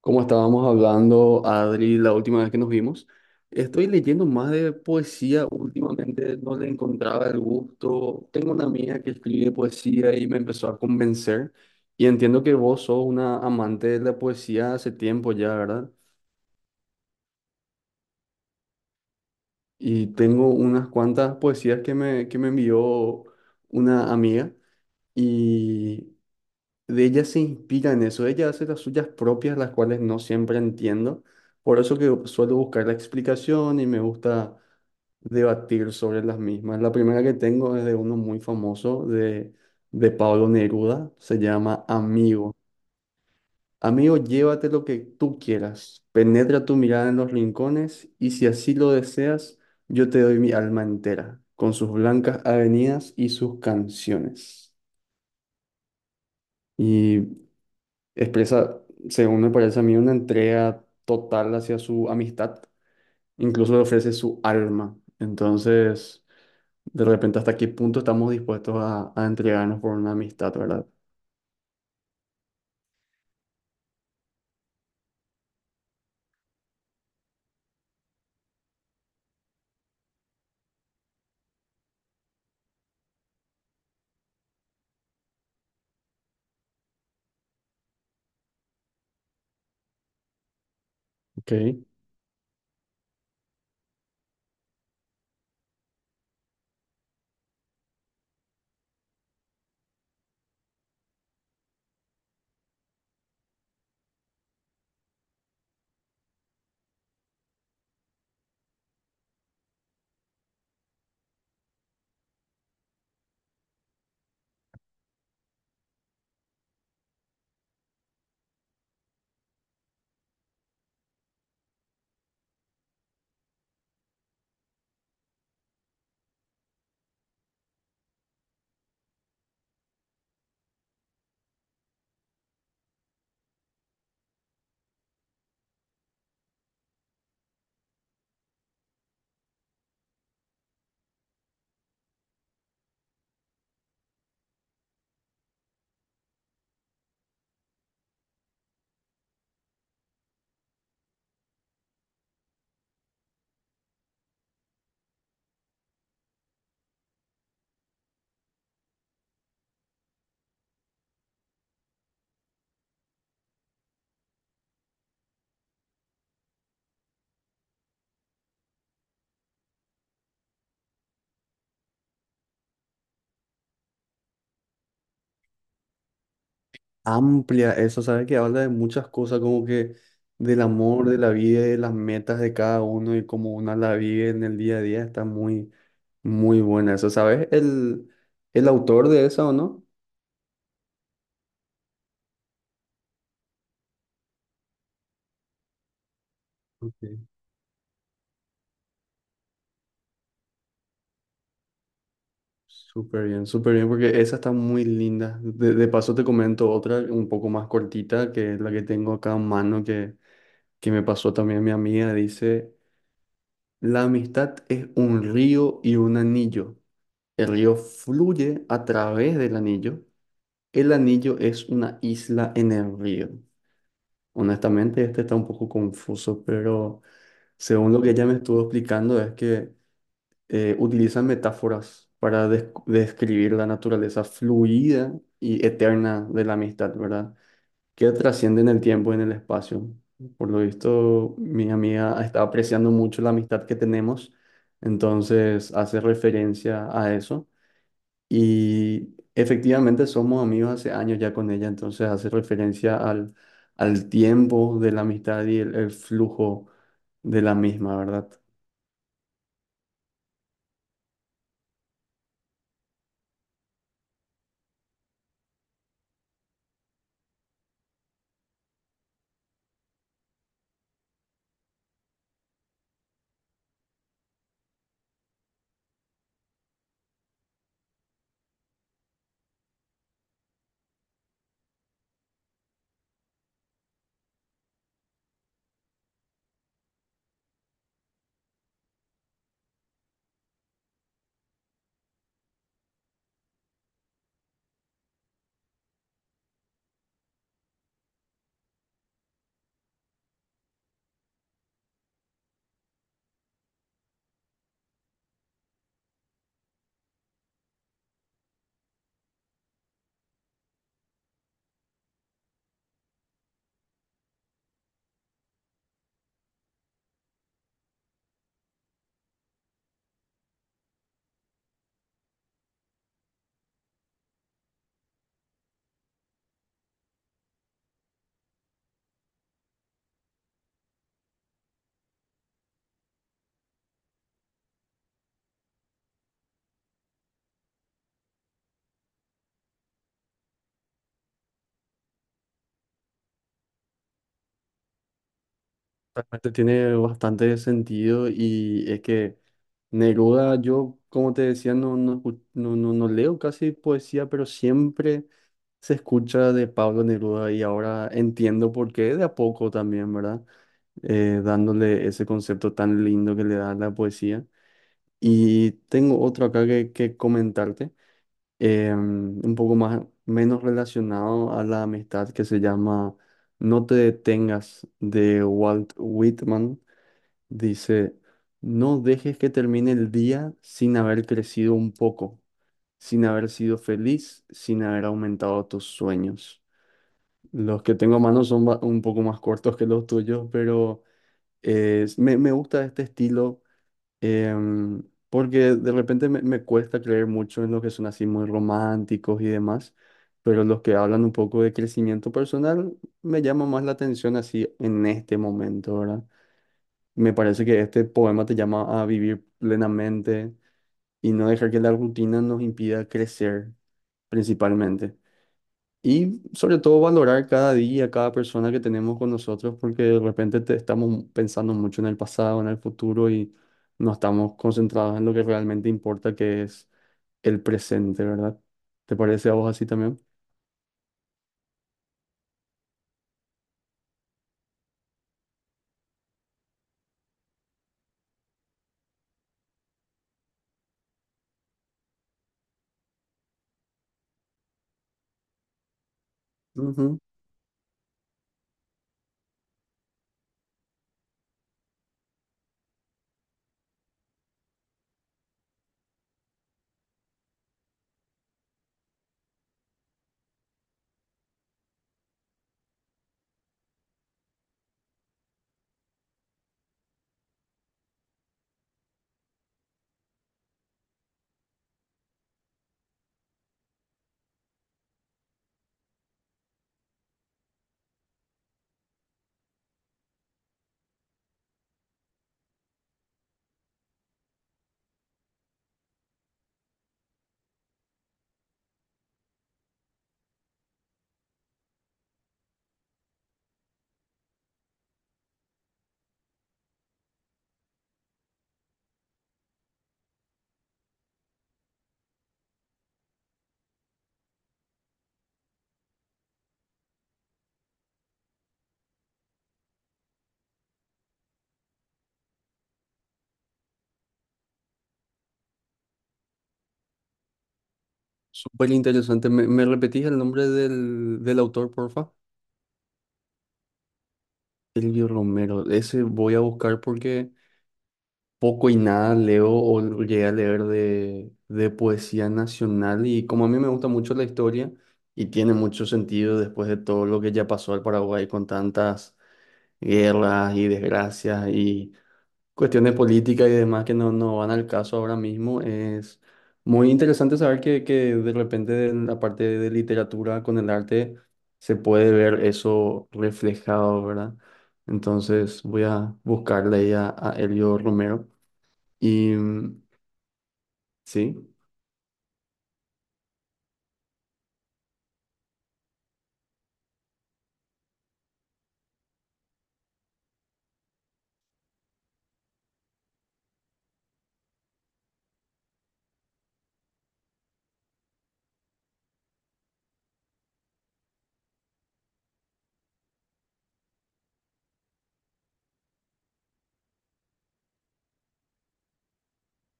Como estábamos hablando, Adri, la última vez que nos vimos, estoy leyendo más de poesía últimamente, no le encontraba el gusto. Tengo una amiga que escribe poesía y me empezó a convencer. Y entiendo que vos sos una amante de la poesía hace tiempo ya, ¿verdad? Y tengo unas cuantas poesías que me envió una amiga y de ella se inspira en eso, ella hace las suyas propias, las cuales no siempre entiendo, por eso que suelo buscar la explicación y me gusta debatir sobre las mismas. La primera que tengo es de uno muy famoso, de Pablo Neruda, se llama Amigo. Amigo, llévate lo que tú quieras, penetra tu mirada en los rincones y si así lo deseas, yo te doy mi alma entera, con sus blancas avenidas y sus canciones. Y expresa, según me parece a mí, una entrega total hacia su amistad, incluso le ofrece su alma. Entonces, de repente, ¿hasta qué punto estamos dispuestos a entregarnos por una amistad, verdad? Ok. Amplia eso, ¿sabes? Que habla de muchas cosas, como que del amor, de la vida, y de las metas de cada uno y cómo uno la vive en el día a día. Está muy, muy buena eso, ¿sabes? El autor de eso, ¿o no? Ok. Súper bien, porque esa está muy linda. De paso te comento otra un poco más cortita, que es la que tengo acá en mano, que me pasó también mi amiga. Dice, la amistad es un río y un anillo. El río fluye a través del anillo. El anillo es una isla en el río. Honestamente, este está un poco confuso, pero según lo que ella me estuvo explicando, es que utilizan metáforas para describir la naturaleza fluida y eterna de la amistad, ¿verdad? Que trasciende en el tiempo y en el espacio. Por lo visto, mi amiga está apreciando mucho la amistad que tenemos, entonces hace referencia a eso. Y efectivamente somos amigos hace años ya con ella, entonces hace referencia al tiempo de la amistad y el flujo de la misma, ¿verdad? Realmente tiene bastante sentido y es que Neruda, yo como te decía, no leo casi poesía, pero siempre se escucha de Pablo Neruda y ahora entiendo por qué de a poco también, ¿verdad? Dándole ese concepto tan lindo que le da la poesía. Y tengo otro acá que comentarte, un poco más, menos relacionado a la amistad que se llama No te detengas de Walt Whitman. Dice, no dejes que termine el día sin haber crecido un poco, sin haber sido feliz, sin haber aumentado tus sueños. Los que tengo a mano son un poco más cortos que los tuyos, pero me gusta este estilo, em, porque de repente me cuesta creer mucho en los que son así muy románticos y demás, pero los que hablan un poco de crecimiento personal me llama más la atención así en este momento, ¿verdad? Me parece que este poema te llama a vivir plenamente y no dejar que la rutina nos impida crecer principalmente. Y sobre todo valorar cada día, cada persona que tenemos con nosotros, porque de repente te estamos pensando mucho en el pasado, en el futuro y no estamos concentrados en lo que realmente importa, que es el presente, ¿verdad? ¿Te parece a vos así también? Ujú. Súper interesante. ¿Me repetís el nombre del autor, porfa? Silvio Romero, ese voy a buscar porque poco y nada leo o llegué a leer de poesía nacional y como a mí me gusta mucho la historia y tiene mucho sentido después de todo lo que ya pasó al Paraguay con tantas guerras y desgracias y cuestiones políticas y demás que no, no van al caso ahora mismo. Es muy interesante saber que de repente en la parte de literatura con el arte se puede ver eso reflejado, ¿verdad? Entonces voy a buscarle ahí a Elio Romero. Y mm, sí,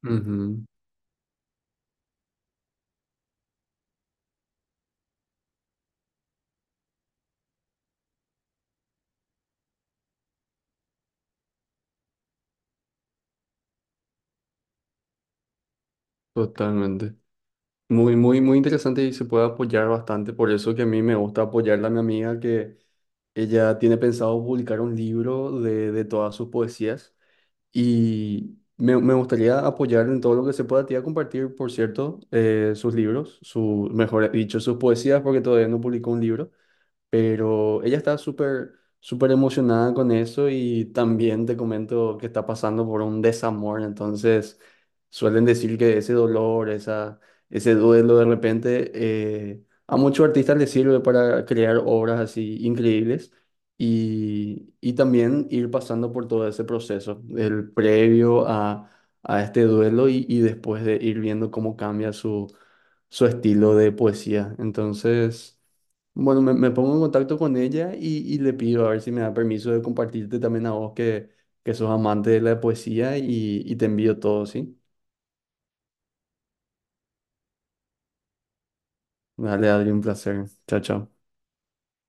ujú, totalmente. Muy, muy, muy interesante y se puede apoyar bastante. Por eso que a mí me gusta apoyarla a mi amiga que ella tiene pensado publicar un libro de todas sus poesías. Y me gustaría apoyar en todo lo que se pueda. Te iba a compartir, por cierto, sus libros, su, mejor dicho, sus poesías, porque todavía no publicó un libro pero ella está súper, súper emocionada con eso y también te comento que está pasando por un desamor, entonces suelen decir que ese dolor, esa, ese duelo de repente, a muchos artistas les sirve para crear obras así increíbles y también ir pasando por todo ese proceso, el previo a este duelo y después de ir viendo cómo cambia su, su estilo de poesía. Entonces, bueno, me pongo en contacto con ella y le pido a ver si me da permiso de compartirte también a vos que sos amante de la poesía y te envío todo, ¿sí? Dale, Adri, un placer. Chao, chao.